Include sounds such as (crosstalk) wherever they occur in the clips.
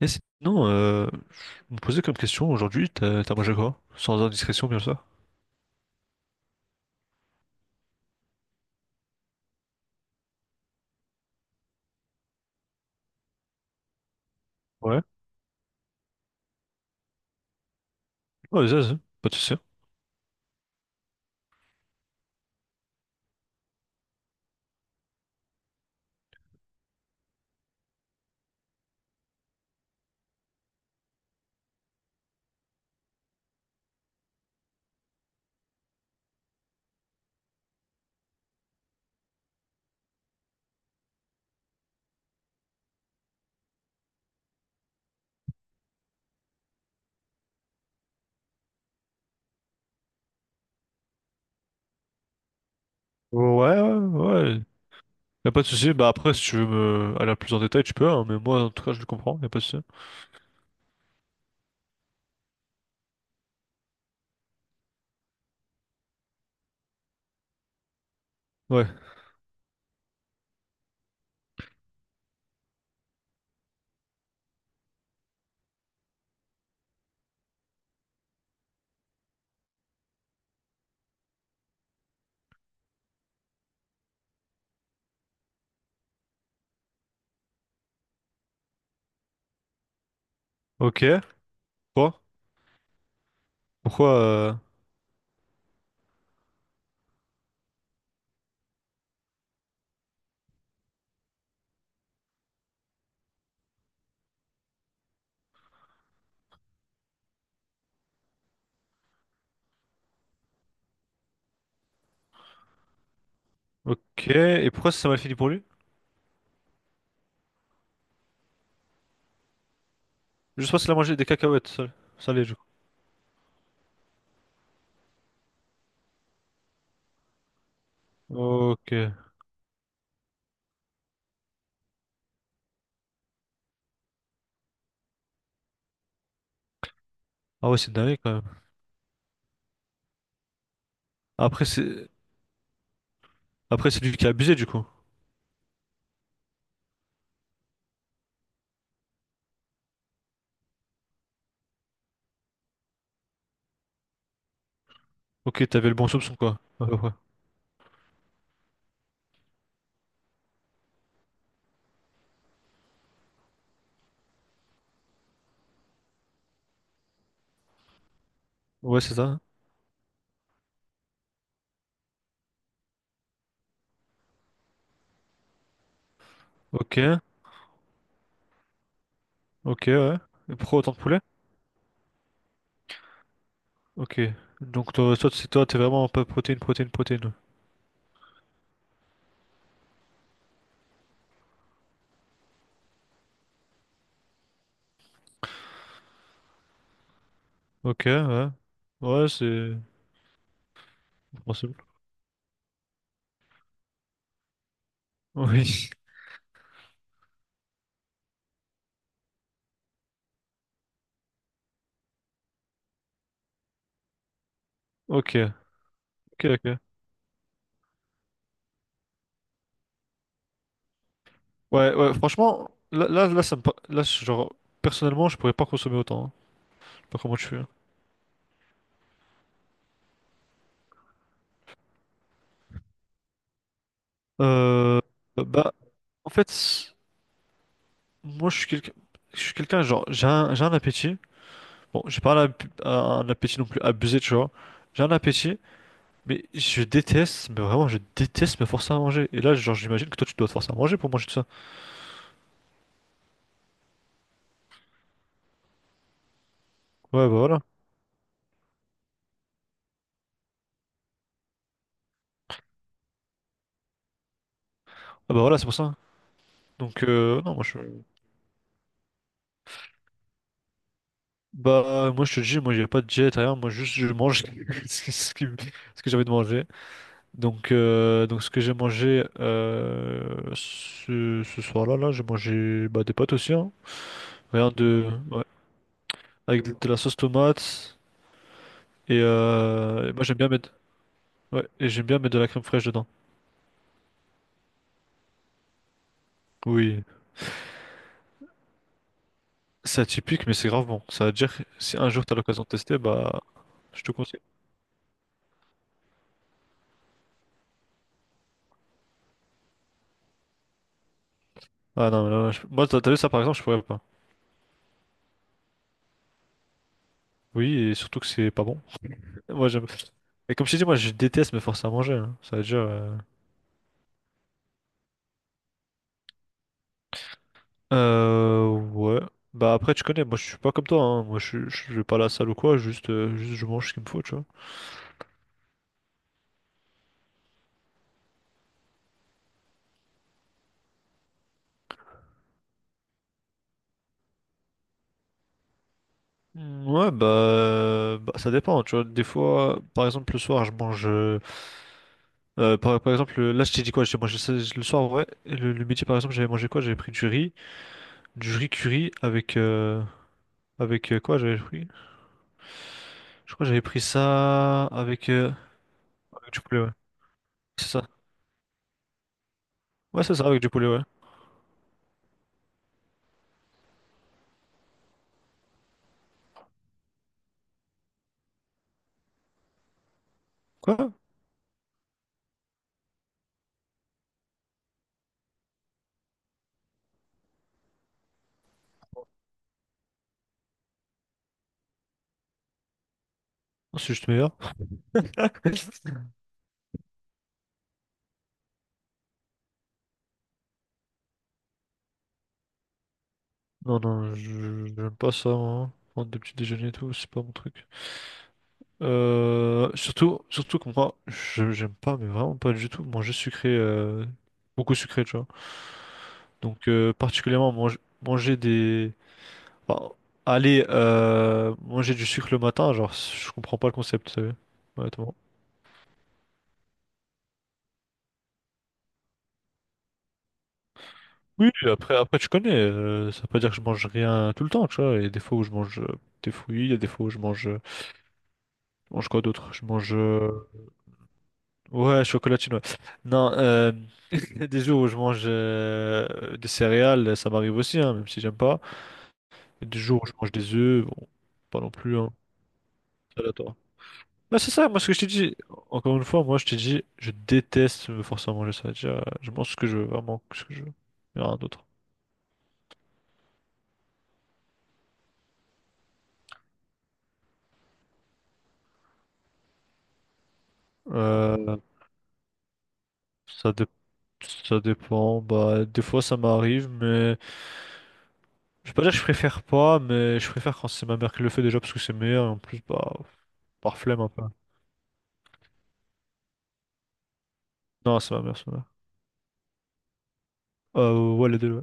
Et sinon, je me posais comme question aujourd'hui, t'as mangé quoi? Sans indiscrétion, bien sûr. Ouais. Ouais, vas-y, vas-y, pas de souci. Ouais, ouais, ouais. Y a pas de souci. Bah après, si tu veux me aller plus en détail, tu peux, hein, mais moi, en tout cas, je le comprends, y a pas de souci. Ouais. Ok. Quoi? Pourquoi? Ok. Et pourquoi ça m'a fini pour lui? Je sais qu'il a mangé des cacahuètes salées, du coup. Ok. Ah ouais, c'est dingue quand même. Après, c'est après c'est lui qui a abusé, du coup. Ok, t'avais le bon soupçon, quoi. À peu près. Ouais, c'est ça. Ok. Ok, ouais. Pro Autant de poulet? Ok. Donc toi, toi, c'est toi, t'es vraiment pas protéine, protéine, protéine. Ok, ouais. Ouais, c'est possible. Oui. (laughs) Ok. Ok, ok. Ouais, ouais, franchement, là, là, là, là, genre, personnellement, je pourrais pas consommer autant, hein. Je sais pas comment tu fais, hein. Euh, bah, en fait, moi, je suis quelqu'un, genre, j'ai un appétit. Bon, j'ai pas un appétit non plus abusé, tu vois. J'ai un appétit. Mais je déteste, mais vraiment, je déteste me forcer à manger. Et là, genre, j'imagine que toi, tu dois te forcer à manger pour manger tout ça. Ouais, bah voilà. Ah bah voilà, c'est pour ça. Donc, non, moi, je... Bah, moi, je te dis, moi, j'ai pas de diète, rien. Moi, juste, je mange (laughs) ce que, ce qui me- ce que j'ai envie de manger. Donc ce que j'ai mangé ce soir-là, là, j'ai mangé, bah, des pâtes aussi, hein. Rien de... Ouais. Avec de la sauce tomate. Et moi, j'aime bien mettre... Ouais, et j'aime bien mettre de la crème fraîche dedans. Oui, c'est atypique, mais c'est grave bon. Ça veut dire que si un jour t'as l'occasion de tester, bah, je te conseille. Ah non, mais là, moi, t'as vu ça par exemple, je pourrais pas. Oui, et surtout que c'est pas bon. Moi, j'aime. Et comme je t'ai dit, moi, je déteste me forcer à manger, hein. Ça veut dire. Ouais. Bah après, tu connais, moi, je suis pas comme toi, hein. Moi, je vais pas à la salle ou quoi. Juste, je mange ce qu'il me faut, tu vois. Mm, ouais, bah, ça dépend, tu vois. Des fois, par exemple, le soir, je mange, par exemple, là, je t'ai dit quoi? J'ai mangé ça le soir, ouais. Et le midi, par exemple, j'avais mangé quoi? J'avais pris du riz. Curry avec quoi j'avais pris? Je crois que j'avais pris ça avec du poulet, ouais. C'est ça. Ouais, c'est ça, avec du poulet, ouais. Quoi? Non. C'est juste meilleur. (laughs) Non, non, j'aime pas ça, moi, hein. Prendre des petits déjeuners et tout, c'est pas mon truc. Surtout, surtout que moi, j'aime pas, mais vraiment pas du tout, manger sucré, beaucoup sucré, tu vois. Donc, particulièrement, bon, allez, manger du sucre le matin, genre, je comprends pas le concept, honnêtement. Oui, après, tu connais, ça veut pas dire que je mange rien tout le temps, tu vois. Il y a des fois où je mange des fruits, il y a des fois où je mange quoi d'autre? Je mange, ouais, chocolatine, ouais. Non, (laughs) il y a des jours où je mange des céréales, ça m'arrive aussi, hein, même si j'aime pas. Il y a des jours où je mange des œufs, bon, pas non plus, hein. C'est aléatoire. Bah, c'est ça, moi ce que je t'ai dit, encore une fois, moi je t'ai dit, je déteste me forcer à manger, ça veut dire, je mange ce que je veux, vraiment ce que je veux, et rien d'autre. Euh, ça, dé- ça dépend, bah des fois ça m'arrive, mais je vais pas dire que je préfère pas, mais je préfère quand c'est ma mère qui le fait déjà parce que c'est meilleur, et en plus, bah, par flemme un peu. Non, c'est ma mère, c'est ma mère. Ouais, les deux, ouais.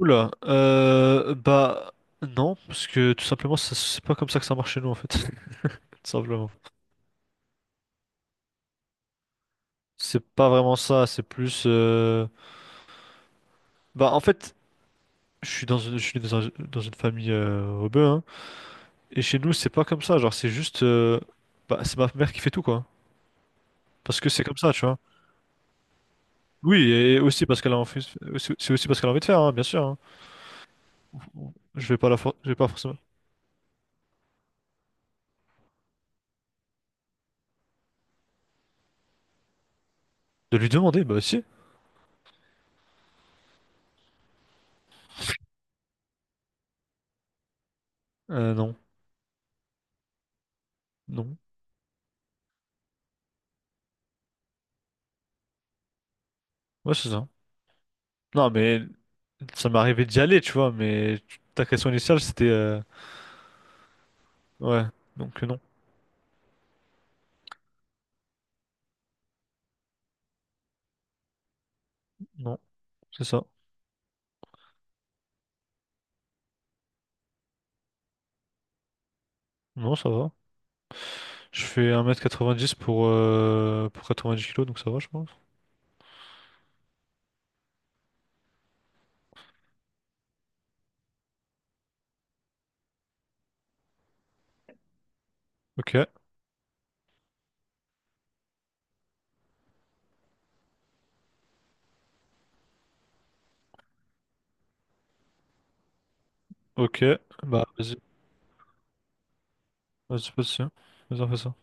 Oula, bah non, parce que tout simplement, c'est pas comme ça que ça marche chez nous en fait, (laughs) tout simplement. C'est pas vraiment ça, c'est plus... bah en fait je suis dans une, je suis dans un- dans une famille rebeu, hein. Et chez nous, c'est pas comme ça. Genre, c'est juste, bah, c'est ma mère qui fait tout, quoi. Parce que c'est comme ça, tu vois. Oui, et aussi parce qu'elle a envie, c'est aussi parce qu'elle a envie de faire, hein, bien sûr, hein. Je vais pas forcément. De lui demander, bah si. Non. Non. Ouais, c'est ça. Non, mais ça m'est arrivé d'y aller, tu vois. Mais ta question initiale, c'était. Ouais. Donc, non. Non, c'est ça. Non, ça va. Je fais 1,90 m pour, 10 kilos, donc ça va, je pense. Ok. Ok, bah vas-y, vas-y, vas-y, vas-y, on fait ça.